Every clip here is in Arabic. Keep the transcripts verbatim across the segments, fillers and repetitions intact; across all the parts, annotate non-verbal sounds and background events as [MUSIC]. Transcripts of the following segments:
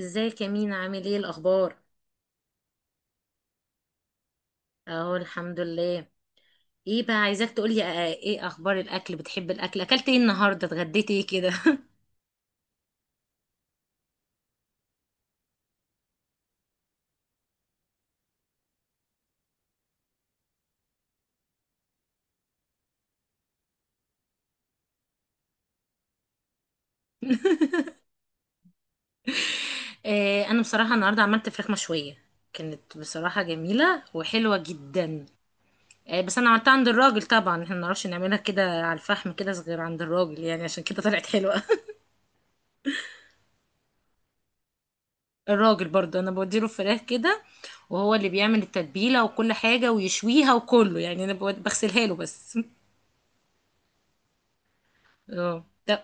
ازيك يا مينا؟ عامل ايه؟ الاخبار؟ اهو الحمد لله. ايه بقى، عايزاك تقولي آه، ايه اخبار الاكل؟ بتحب الاكل؟ اكلت ايه النهارده؟ اتغديت ايه كده؟ [LAUGHS] آه، انا بصراحه النهارده عملت فراخ مشويه، كانت بصراحه جميله وحلوه جدا. آه، بس انا عملتها عند الراجل. طبعا احنا ما نعرفش نعملها كده على الفحم كده غير عند الراجل، يعني عشان كده طلعت حلوه. [LAUGHS] الراجل برضه، انا بوديله الفراخ كده وهو اللي بيعمل التتبيله وكل حاجه ويشويها وكله، يعني انا بود- بغسلها له بس. [LAUGHS] اه، ده.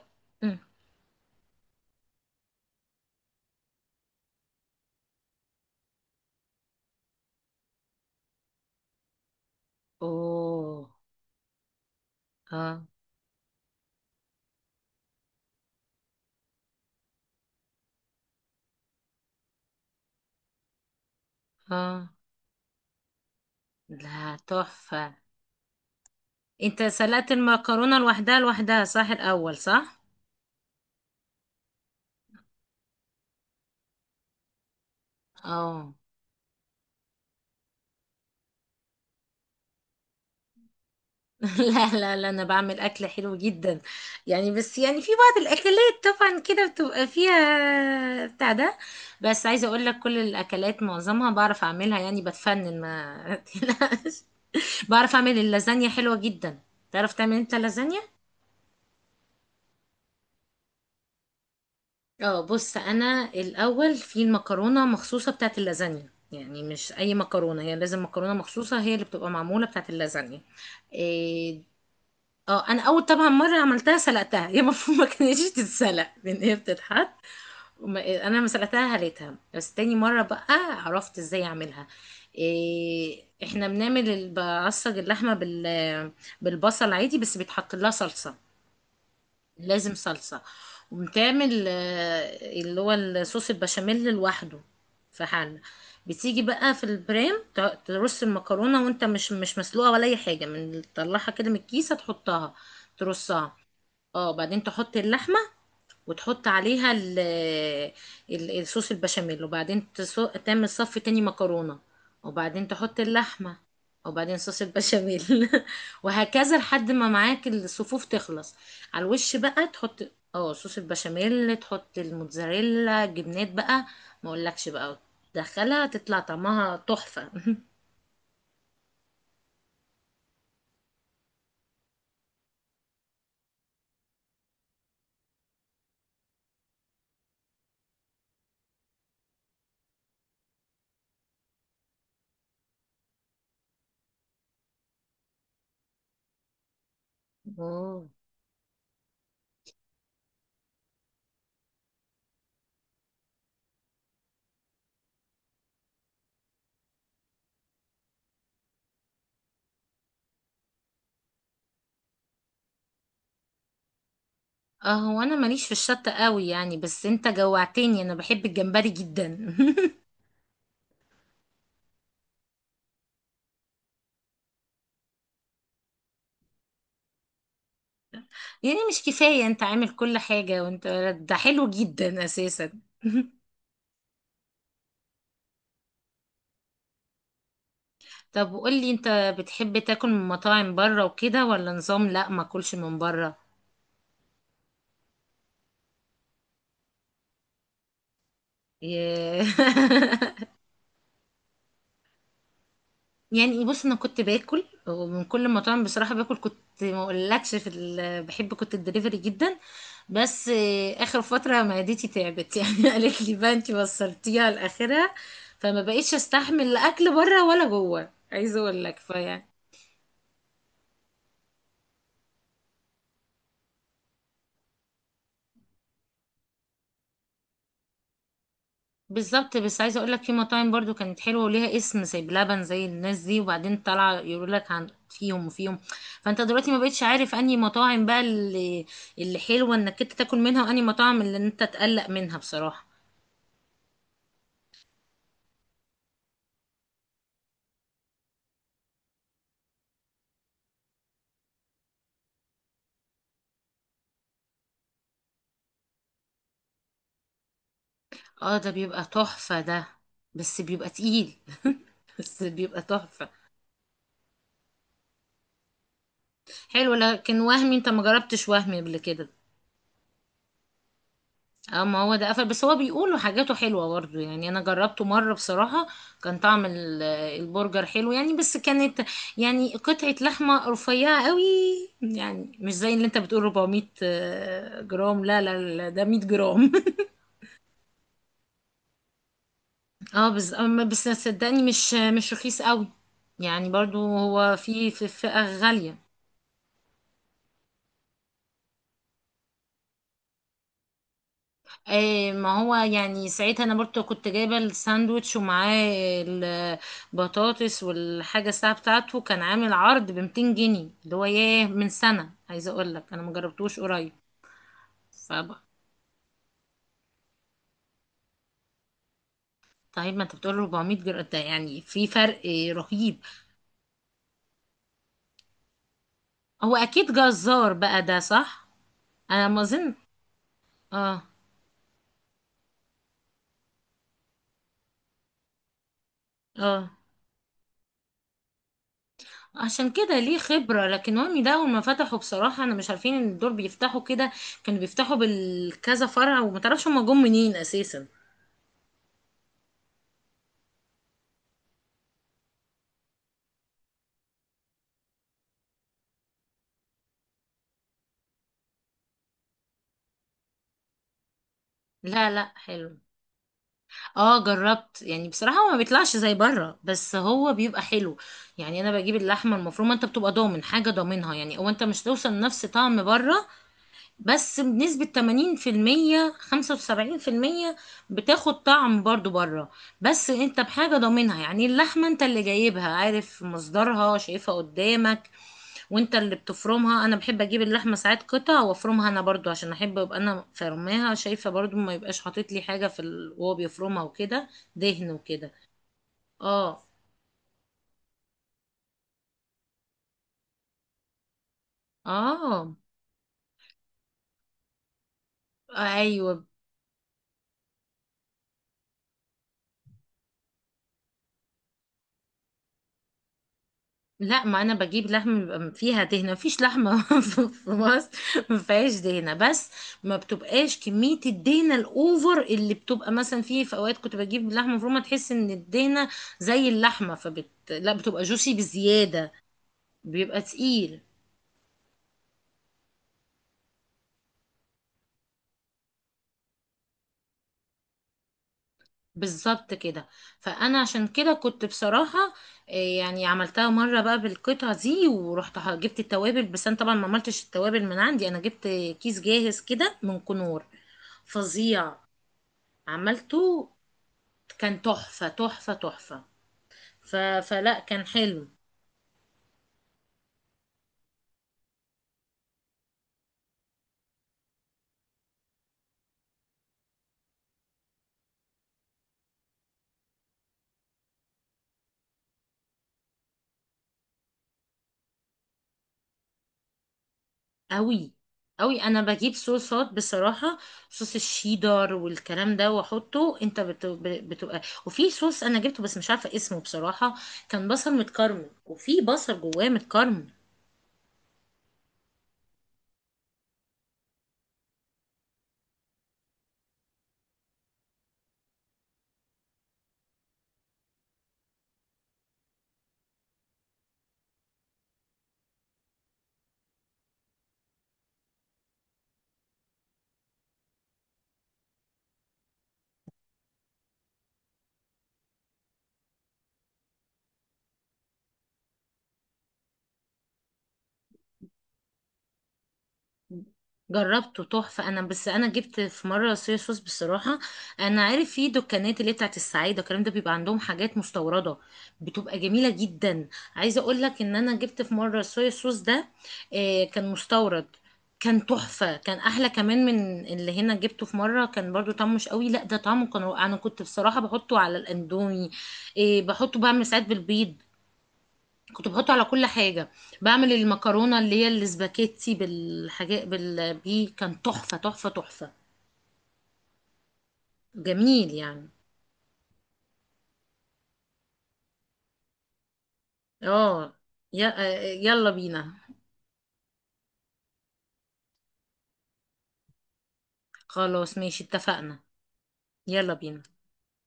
اوه. اه. اه، لا، تحفة. انت سلقت المكرونة لوحدها لوحدها، صح؟ الاول، صح؟ اه. [LAUGHS] لا لا لا، انا بعمل اكل حلو جدا. يعني بس، يعني في بعض الاكلات طبعا كده بتبقى فيها بتاع ده. بس عايزه اقول لك، كل الاكلات معظمها بعرف اعملها، يعني بتفنن، ما [LAUGHS] تقلقش. بعرف اعمل اللازانيا حلوه جدا. تعرف تعمل انت لازانيا؟ اه، بص، انا الاول في المكرونه مخصوصه بتاعت اللازانيا، يعني مش اي مكرونه، هي لازم مكرونه مخصوصه هي اللي بتبقى معموله بتاعت اللازانيا. إيه، اه انا اول طبعا مره عملتها سلقتها، هي المفروض [LAUGHS] ما كانتش تتسلق، لان هي بتتحط. وما- انا ما سلقتها هليتها بس. تاني مره بقى عرفت ازاي اعملها. إيه، احنا بنعمل ال- بعصج اللحمه بال بالبصل عادي، بس بيتحط لها صلصه. لازم صلصة. وبتعمل آه، اللي هو الصوص البشاميل لوحده في حلة. بتيجي بقى في البريم ت- ترص المكرونة وانت مش مش مسلوقة ولا اي حاجة، من تطلعها كده من الكيسة تحطها ترصها. اه، بعدين تحط اللحمة وتحط عليها ال ال- الصوص البشاميل، وبعدين تصو- تعمل صف تاني مكرونة وبعدين تحط اللحمة وبعدين صوص البشاميل. [LAUGHS] وهكذا لحد ما معاك الصفوف تخلص. على الوش بقى تحط اه صوص البشاميل، تحط الموتزاريلا جبنات بقى، ما اقولكش بقى، تدخلها تطلع طعمها تحفة. [LAUGHS] مم. اه، هو انا ماليش في الشطة قوي يعني، بس انت جوعتني، انا بحب الجمبري جدا. [LAUGHS] يعني مش كفاية انت عامل كل حاجة وانت، ده حلو جدا اساسا. [LAUGHS] طب وقولي، انت بتحب تاكل من مطاعم بره وكده ولا نظام لا ما اكلش من بره؟ ي- [LAUGHS] يعني بص، انا كنت باكل ومن كل المطاعم بصراحة، باكل كنت، ما اقولكش، في ال... بحب كنت الدليفري جدا. بس آه، اخر فترة معدتي تعبت. [LAUGHS] يعني قالت لي بقى انت وصلتيها لاخرها، فما بقيتش استحمل لا اكل بره ولا جوه، عايزة اقول لك فيعني. بالظبط. بس عايزه اقول لك، في مطاعم برضو كانت حلوه وليها اسم زي بلبن، زي الناس دي، وبعدين طالعه يقولوا لك عن فيهم وفيهم. فانت دلوقتي ما بقتش عارف انهي مطاعم بقى اللي اللي حلوه انك انت تاكل منها، وانهي مطاعم اللي انت تقلق منها بصراحه. اه ده بيبقى تحفه ده، بس بيبقى تقيل. [LAUGHS] بس بيبقى تحفه. حلو. لكن وهمي، انت ما جربتش وهمي قبل كده؟ اه، ما هو ده قفل، بس هو بيقولوا حاجاته حلوة برضو يعني، انا جربته مرة بصراحة. كان طعم ال- آه، البرجر حلو يعني، بس كانت يعني قطعة لحمة رفيعة قوي، يعني مش زي اللي انت بتقول اربعميت آه، جرام. لا لا لا، ده مية جرام. [LAUGHS] اه بس، أما- بس صدقني، مش مش رخيص قوي. يعني برضو، هو في في فئة غالية. ايه ما هو يعني، ساعتها انا برضو كنت جايبه الساندوتش ومعاه البطاطس، والحاجه الساعه بتاعته كان عامل عرض ب ميتين جنيه اللي هو، ياه من سنه، عايزه اقول لك انا ما جربتوش قريب. فبقى، طيب، ما انت بتقول اربعمية جرام ده يعني في فرق رهيب. هو اكيد جزار بقى ده، صح؟ انا ما اظن. اه. اه، عشان كده ليه خبرة. لكن وهمي ده أول ما فتحوا بصراحة أنا مش عارفين إن دول بيفتحوا كده. كانوا بيفتحوا بالكذا فرع، وما تعرفش هما جم منين أساسا. لا لا، حلو. اه، جربت يعني بصراحة. هو ما بيطلعش زي بره بس هو بيبقى حلو. يعني أنا بجيب اللحمة المفرومة، أنت بتبقى ضامن حاجة ضامنها، يعني أو أنت مش توصل نفس طعم بره، بس بنسبة تمانين في المية خمسه وسبعين في المية، بتاخد طعم برضو بره. بس انت بحاجة ضامنها، يعني اللحمة انت اللي جايبها، عارف مصدرها، شايفها قدامك. وانت اللي بتفرمها. انا بحب اجيب اللحمة ساعات قطع وافرمها انا برضو، عشان احب ابقى انا فرماها شايفة برضو، ما يبقاش حاطط لي حاجة في ال... وهو بيفرمها وكده، دهن وكده. اه. اه. ايوه. لا، ما انا بجيب لحم بيبقى فيها دهنه، مفيش لحمه [LAUGHS] في في مصر ما فيهاش دهنه، بس ما بتبقاش كميه الدهنه الاوفر اللي بتبقى مثلا. فيه في اوقات كنت بجيب لحمه مفرومه تحس ان الدهنه زي اللحمه، فبت لا بتبقى جوسي بزياده. بيبقى تقيل. بالظبط كده. فانا عشان كده كنت بصراحه، آه، يعني عملتها مره بقى بالقطعه دي ورحت ح- جبت التوابل، بس انا طبعا ما عملتش التوابل من عندي، انا جبت كيس جاهز كده من كنور. فظيع. عملته، كان تحفة تحفة تحفة. ف... فلا كان حلو. قوي. قوي، انا بجيب صوصات بصراحة. صوص الشيدر والكلام ده واحطه، انت بت... بتبقى. وفي صوص انا جبته بس مش عارفة اسمه بصراحة، كان بصل متكرمل، وفي بصل جواه متكرمل. جربته تحفة انا. بس انا جبت في مرة صويا صوص بصراحة، انا عارف في دكانات اللي هي بتاعت السعيدة والكلام ده، بيبقى عندهم حاجات مستوردة، بتبقى جميلة جدا. عايزة اقول لك ان انا جبت في مرة صويا صوص ده، آه، كان مستورد. كان تحفة، كان احلى كمان من اللي هنا جبته في مرة كان برضو طعمه مش قوي، لا ده طعمه كان رائع. انا كنت بصراحة بحطه على الاندومي، آه، بحطه، بعمل ساعات بالبيض، كنت بحطه على كل حاجة. بعمل المكرونة اللي هي الاسباجيتي بالحاجات بال... دي كان تحفة تحفة تحفة. جميل يعني. اه. ي... يلا بينا. خلاص ماشي اتفقنا. يلا بينا.